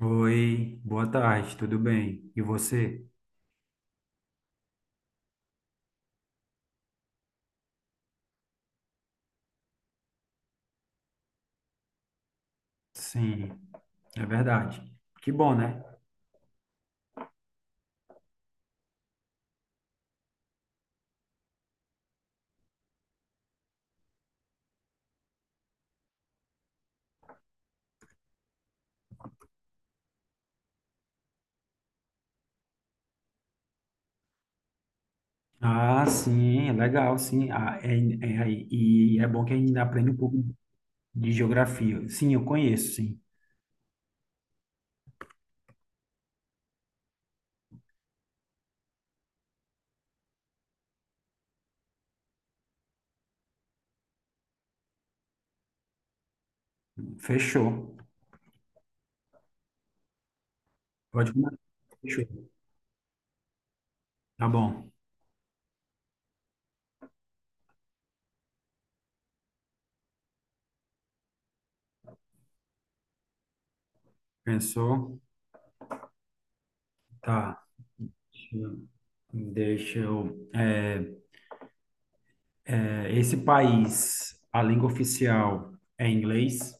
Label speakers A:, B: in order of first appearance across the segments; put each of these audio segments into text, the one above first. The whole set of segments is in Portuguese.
A: Oi, boa tarde, tudo bem? E você? Sim, é verdade. Que bom, né? Ah, sim, é legal, sim. Ah, e é bom que a gente ainda aprende um pouco de geografia. Sim, eu conheço, sim. Fechou. Pode começar. Fechou. Tá bom. Pensou? Tá. Deixa eu. Esse país, a língua oficial é inglês?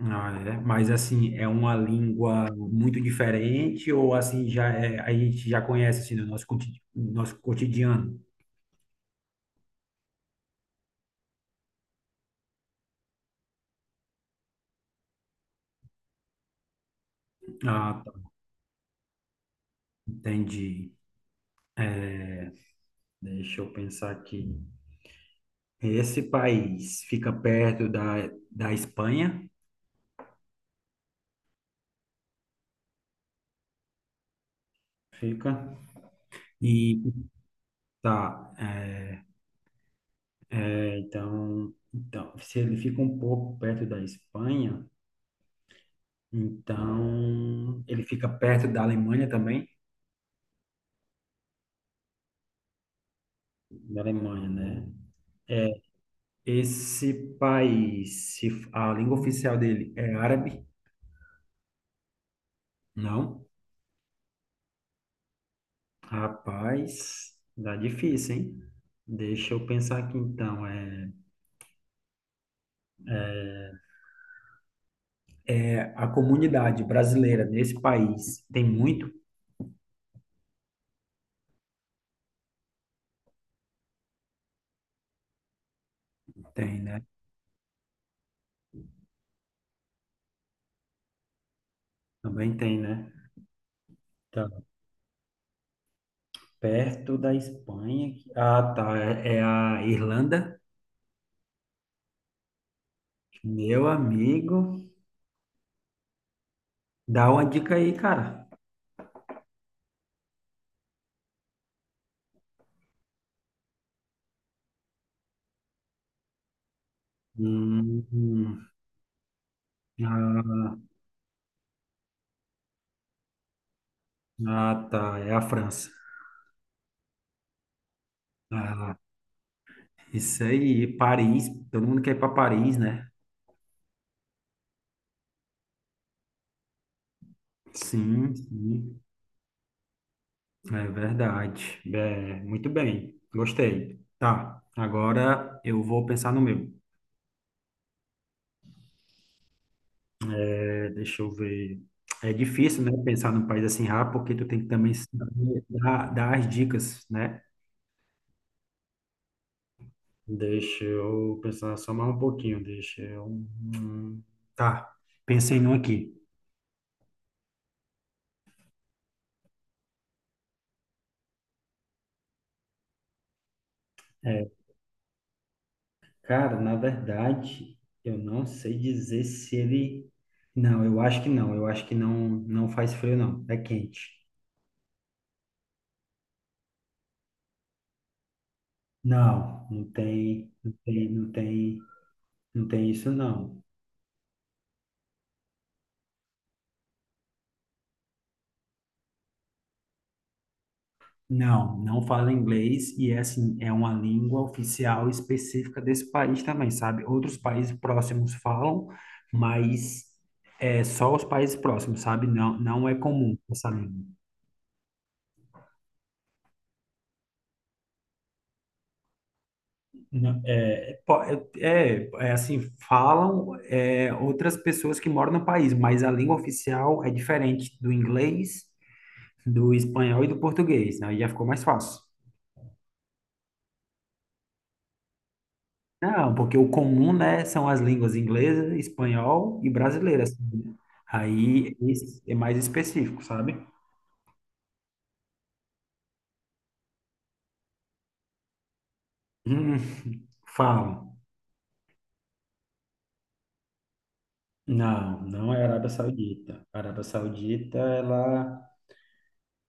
A: Ah, é. Mas assim, é uma língua muito diferente ou assim já é, a gente já conhece assim no nosso nosso cotidiano? Ah, tá, entendi. Deixa eu pensar aqui. Esse país fica perto da Espanha? Fica. E tá, então, se ele fica um pouco perto da Espanha, então ele fica perto da Alemanha também? Da Alemanha, né? Esse país, se a língua oficial dele é árabe? Não. Rapaz, dá difícil, hein? Deixa eu pensar aqui então. A comunidade brasileira nesse país tem muito? Tem, né? Também tem, né? Tá perto da Espanha. Ah, tá. É a Irlanda. Meu amigo, dá uma dica aí, cara. Hum, hum. Ah, ah, tá. É a França. Ah, isso aí, Paris, todo mundo quer ir para Paris, né? Sim, sim, é verdade. É, muito bem, gostei. Tá, agora eu vou pensar no meu. É, deixa eu ver. É difícil, né, pensar num país assim rápido, porque tu tem que também saber dar as dicas, né? Deixa eu pensar só mais um pouquinho, deixa eu... Tá, pensei num aqui. É, Cara, na verdade, eu não sei dizer se ele. Não, eu acho que não. Eu acho que não, não faz frio, não. É quente. Não, não tem, não tem, não tem, não tem isso, não. Não, não fala inglês e é assim, é uma língua oficial específica desse país também, sabe? Outros países próximos falam, mas é só os países próximos, sabe? Não, não é comum essa língua. Não, é, assim, falam outras pessoas que moram no país, mas a língua oficial é diferente do inglês, do espanhol e do português, né? Aí já ficou mais fácil. Não, porque o comum, né, são as línguas inglesa, espanhol e brasileira, assim, né? Aí esse é mais específico, sabe? Hum, Falam. Não, não é Arábia Saudita. A Arábia Saudita,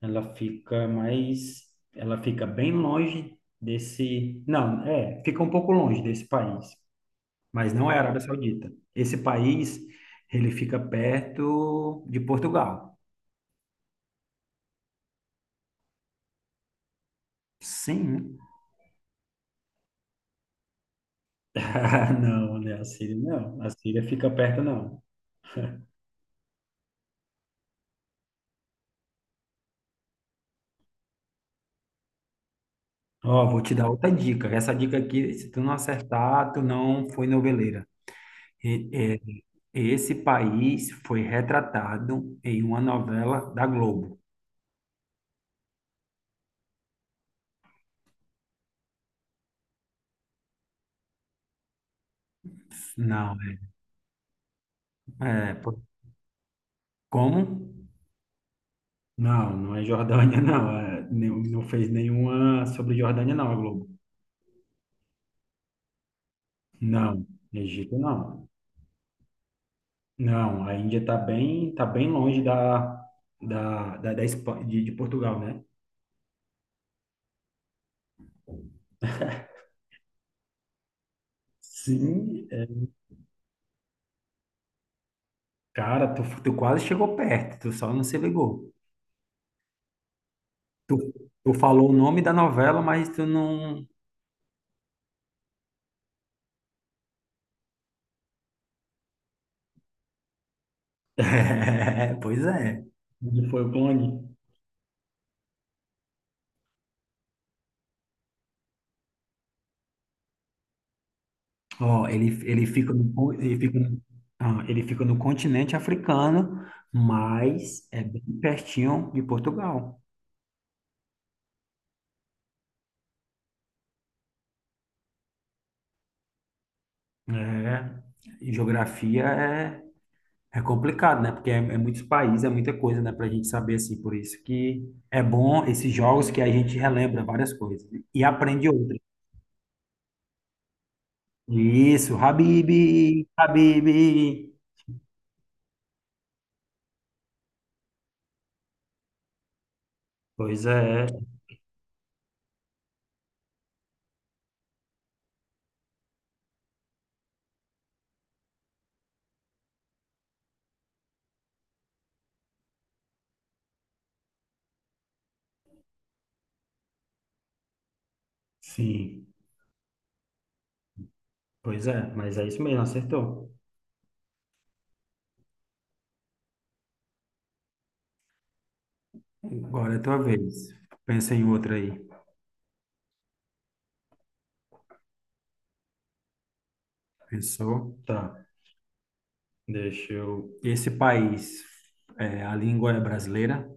A: Ela fica mais, ela fica bem longe desse, não, fica um pouco longe desse país, mas não é a Arábia Saudita. Esse país, ele fica perto de Portugal. Sim, né? Ah, não, né? A Síria não. A Síria fica perto, não. Ó, vou te dar outra dica. Essa dica aqui, se tu não acertar, tu não foi noveleira. E- é, esse país foi retratado em uma novela da Globo. Não, é, é, por- como? Não, não é Jordânia, não. É, não fez nenhuma sobre Jordânia, não, a Globo. Não, Egito não. Não, a Índia tá bem longe de Portugal, né? Sim, cara, tu quase chegou perto, tu só não se ligou. Tu, tu falou o nome da novela, mas tu não. É, pois é. Onde foi o clone? Ó, ele fica no continente africano, mas é bem pertinho de Portugal. É, e geografia é complicado, né? Porque é muitos países, é muita coisa, né? Pra gente saber, assim. Por isso que é bom esses jogos que a gente relembra várias coisas, né, e aprende outras. Isso, Habib, Habib. Pois é, sim. Pois é, mas é isso mesmo, acertou. Agora é a tua vez. Pensa em outra aí. Pensou? Tá. Deixa eu. Esse país, a língua é brasileira?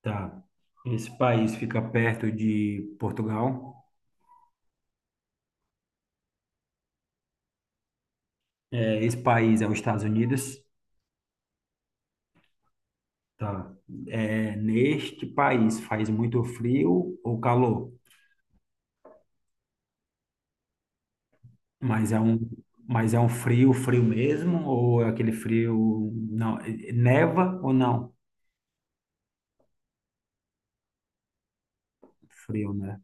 A: Tá. Esse país fica perto de Portugal? É, esse país é os Estados Unidos? Tá. É, neste país faz muito frio ou calor? Mas é um, mas é um frio, frio mesmo? Ou é aquele frio. Não, neva ou não? Frio, né?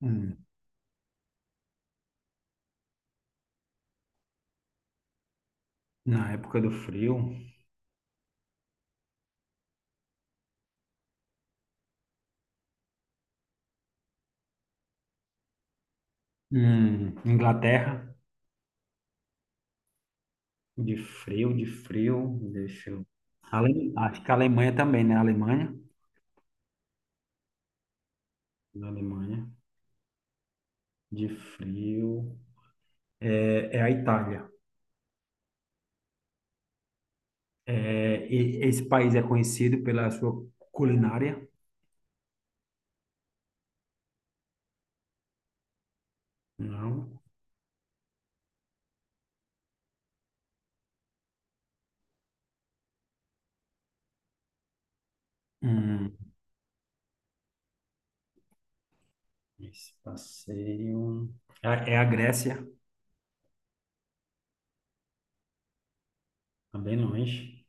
A: Hum, Na época do frio. Inglaterra? De frio, deixa eu... Acho que a Alemanha também, né? A Alemanha. Na Alemanha, de frio. É a Itália. É, esse país é conhecido pela sua culinária? Não. Hum, Esse passeio. É a Grécia? Também bem longe.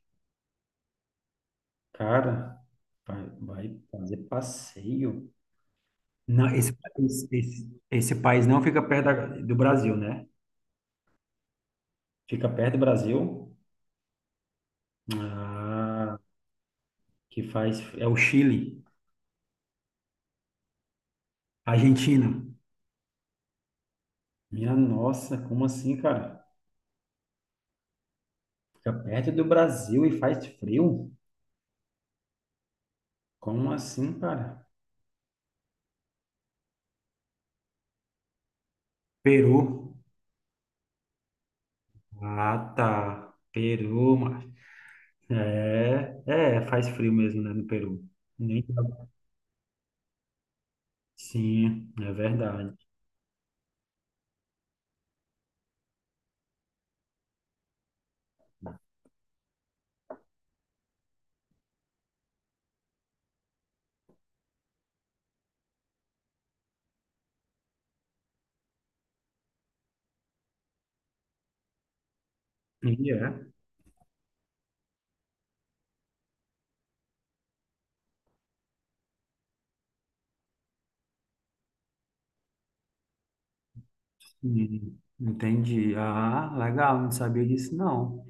A: Cara, vai fazer passeio. Não, esse país não fica perto do Brasil, né? Fica perto do Brasil. Ah. Que faz é o Chile, Argentina. Minha nossa, como assim, cara? Fica perto do Brasil e faz frio? Como assim, cara? Peru. Ah, tá. Peru, mas faz frio mesmo, né, no Peru. Nem tá, Sim, é verdade. E é. Entendi. Ah, legal, não sabia disso não.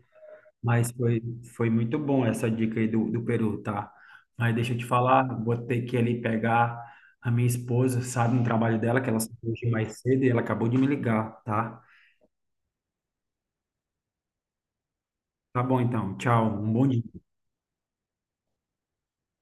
A: Mas foi muito bom essa dica aí do Peru, tá? Mas deixa eu te falar, vou ter que ali pegar a minha esposa, sabe, no trabalho dela, que ela saiu hoje mais cedo e ela acabou de me ligar, tá? Tá bom então, tchau, um bom dia.